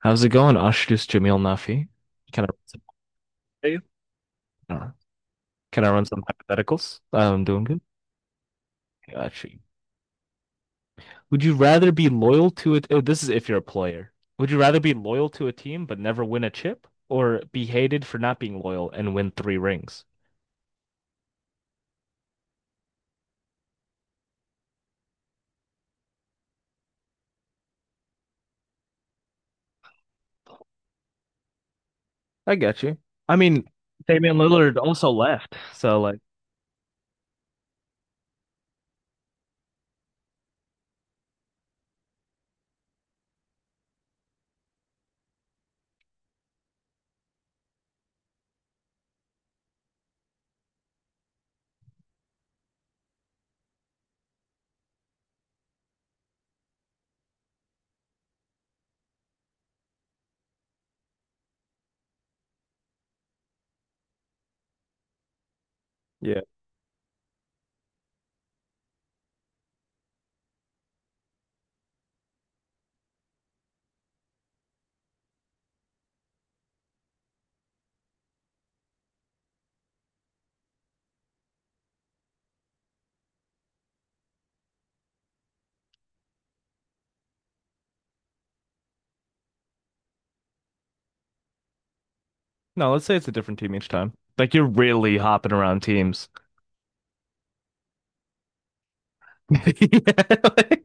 How's it going, Ashdus Jamil Nafi? Can I run some No. Can I run some hypotheticals? I'm doing good. Got you. Would you rather be loyal to it? Oh, this is if you're a player. Would you rather be loyal to a team but never win a chip, or be hated for not being loyal and win three rings? I get you. I mean, Damian Lillard also left, so like, yeah. No, let's say it's a different team each time. Like you're really hopping around teams. Yeah, like-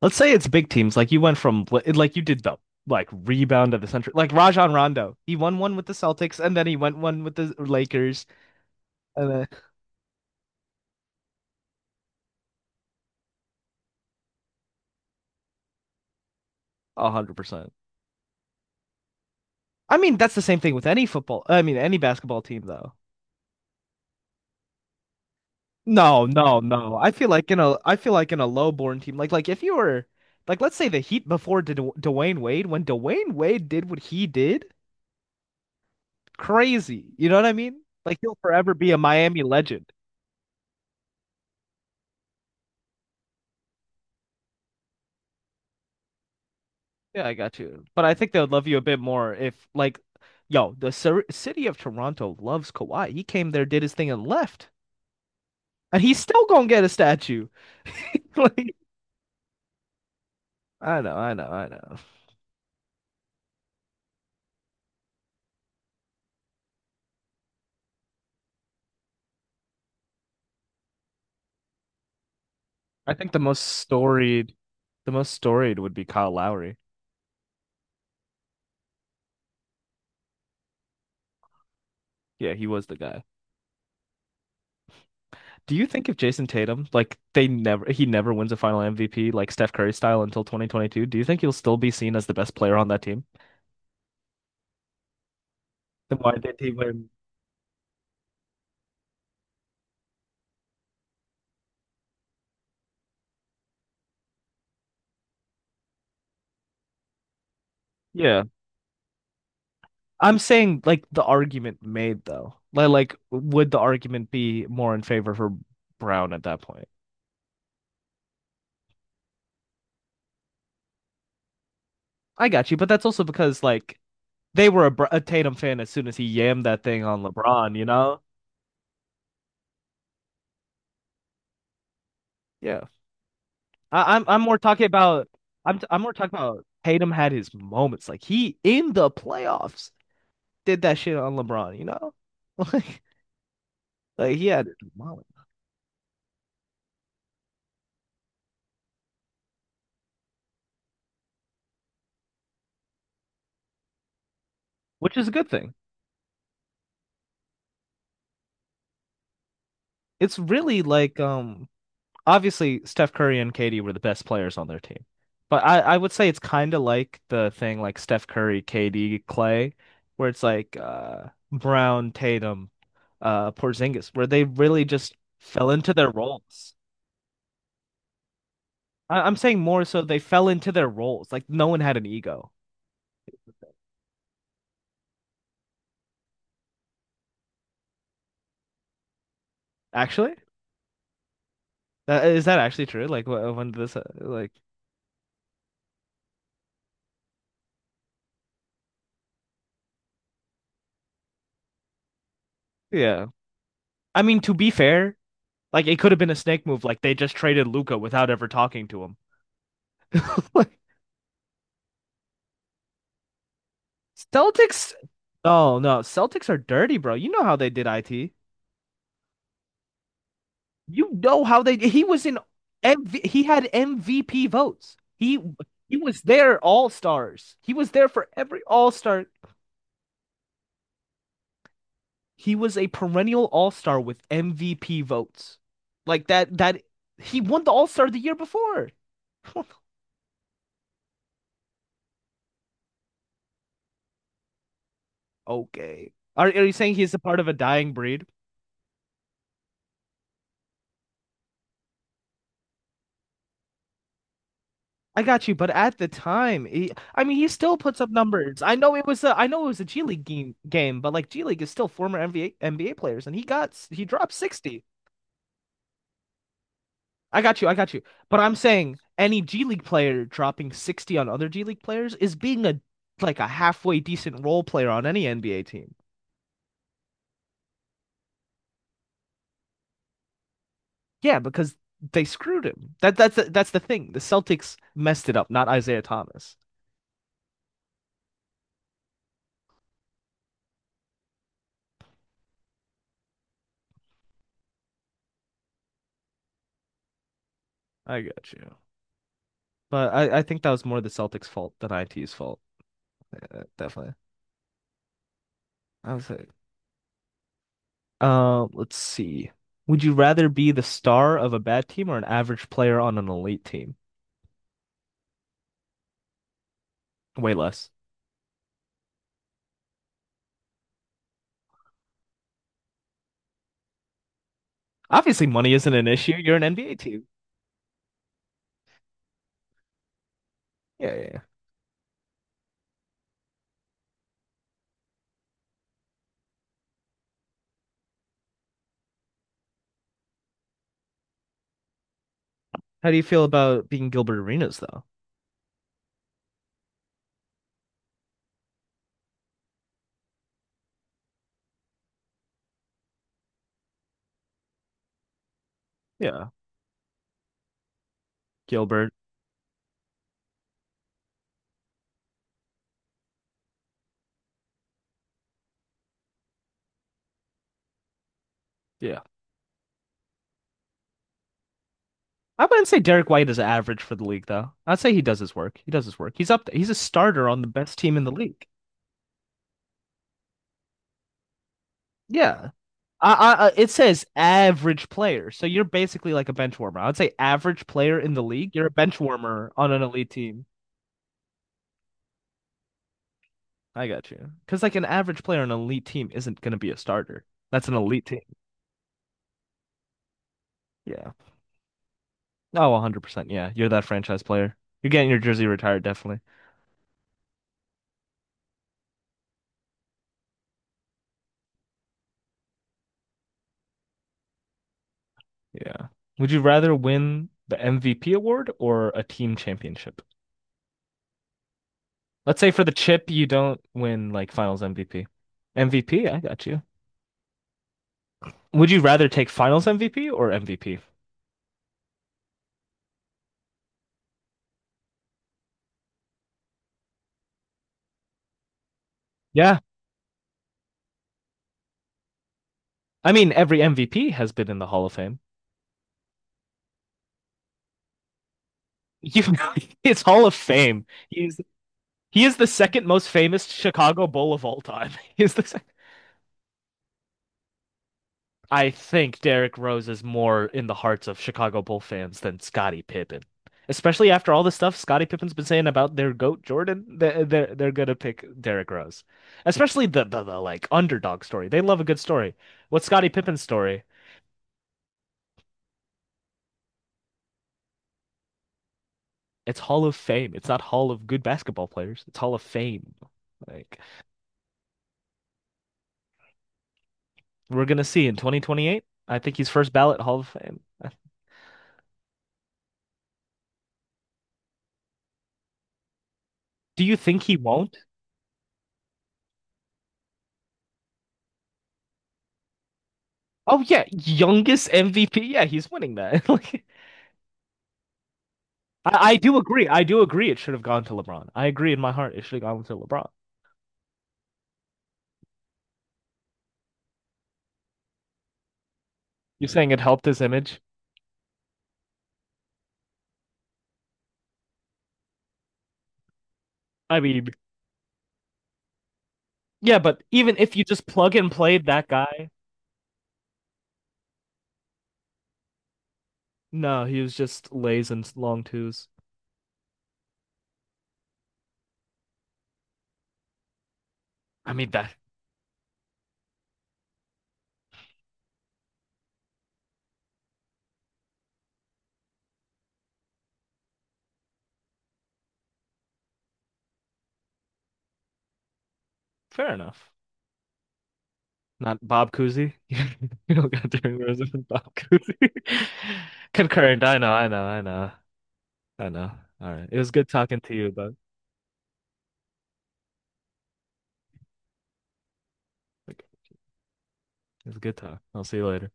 Let's say it's big teams. Like you went from like you did the like rebound of the century. Like Rajon Rondo, he won one with the Celtics, and then he went one with the Lakers, and then 100%. I mean, that's the same thing with any football. I mean, any basketball team though. No, no, no. I feel like in a I feel like in a low-born team, like if you were like let's say the Heat before D Dwayne Wade, when Dwayne Wade did what he did, crazy. You know what I mean? Like he'll forever be a Miami legend. Yeah, I got you. But I think they would love you a bit more if, like, yo, the city of Toronto loves Kawhi. He came there, did his thing, and left. And he's still gonna get a statue. Like, I know, I know, I know. I think the most storied would be Kyle Lowry. Yeah, he was the guy. Do you think if Jason Tatum, like, they never, he never wins a final MVP, like Steph Curry style until 2022, do you think he'll still be seen as the best player on that team? Then why did he win? Yeah. I'm saying like the argument made though. Like would the argument be more in favor for Brown at that point? I got you, but that's also because like they were a Tatum fan as soon as he yammed that thing on LeBron, you know? Yeah. I'm more talking about I'm more talking about Tatum had his moments. Like he in the playoffs did that shit on LeBron, you know? Like like he had his moments, which is a good thing. It's really like obviously Steph Curry and KD were the best players on their team. But I would say it's kind of like the thing like Steph Curry, KD, Clay, where it's like Brown, Tatum, Porzingis, where they really just fell into their roles. I'm saying more so they fell into their roles. Like no one had an ego. Actually, is that actually true? Like when this, like yeah. I mean, to be fair, like it could have been a snake move. Like they just traded Luca without ever talking to him. Celtics. Oh no, Celtics are dirty, bro. You know how they did IT. You know how they. He was in he had MVP votes. He was there All Stars. He was there for every All Star. He was a perennial All Star with MVP votes. Like that. That he won the All Star the year before. Okay. Are you saying he's a part of a dying breed? I got you, but at the time, he, I mean, he still puts up numbers. I know it was a, I know it was a G League game, but like G League is still former NBA players, and he got he dropped 60. I got you, I got you. But I'm saying any G League player dropping 60 on other G League players is being a like a halfway decent role player on any NBA team. Yeah, because they screwed him. That's the thing. The Celtics messed it up, not Isaiah Thomas. I got you. But I think that was more the Celtics' fault than IT's fault. Definitely. I was like, let's see. Would you rather be the star of a bad team or an average player on an elite team? Way less. Obviously, money isn't an issue. You're an NBA team. Yeah, yeah. Yeah. How do you feel about being Gilbert Arenas, though? Yeah, Gilbert. Yeah. I wouldn't say Derek White is average for the league, though. I'd say he does his work. He does his work. He's up there. He's a starter on the best team in the league. Yeah. It says average player. So you're basically like a bench warmer. I would say average player in the league. You're a bench warmer on an elite team. I got you. Because like an average player on an elite team isn't going to be a starter. That's an elite team. Yeah. Oh, 100%. Yeah. You're that franchise player. You're getting your jersey retired, definitely. Yeah. Would you rather win the MVP award or a team championship? Let's say for the chip, you don't win like finals MVP. MVP, I got you. Would you rather take finals MVP or MVP? Yeah. I mean, every MVP has been in the Hall of Fame. You, it's Hall of Fame. He's He is the second most famous Chicago Bull of all time. He is the sec- I think Derrick Rose is more in the hearts of Chicago Bull fans than Scottie Pippen. Especially after all the stuff Scottie Pippen's been saying about their goat Jordan, they're gonna pick Derrick Rose. Especially the like underdog story. They love a good story. What's Scottie Pippen's story? It's Hall of Fame. It's not Hall of Good Basketball Players. It's Hall of Fame. Like we're gonna see in 2028. I think he's first ballot Hall of Fame. Do you think he won't? Oh yeah, youngest MVP. Yeah, he's winning that. Like, I do agree. I do agree. It should have gone to LeBron. I agree in my heart. It should have gone to LeBron. You're saying it helped his image? I mean, yeah, but even if you just plug and played that guy, no, he was just lays and long twos. I mean that. Fair enough. Not Bob Cousy. You don't got Derrick Rose and Bob Cousy. Concurrent. I know. I know. I know. I know. All right. It was good talking to you, bud. It was good talk. I'll see you later.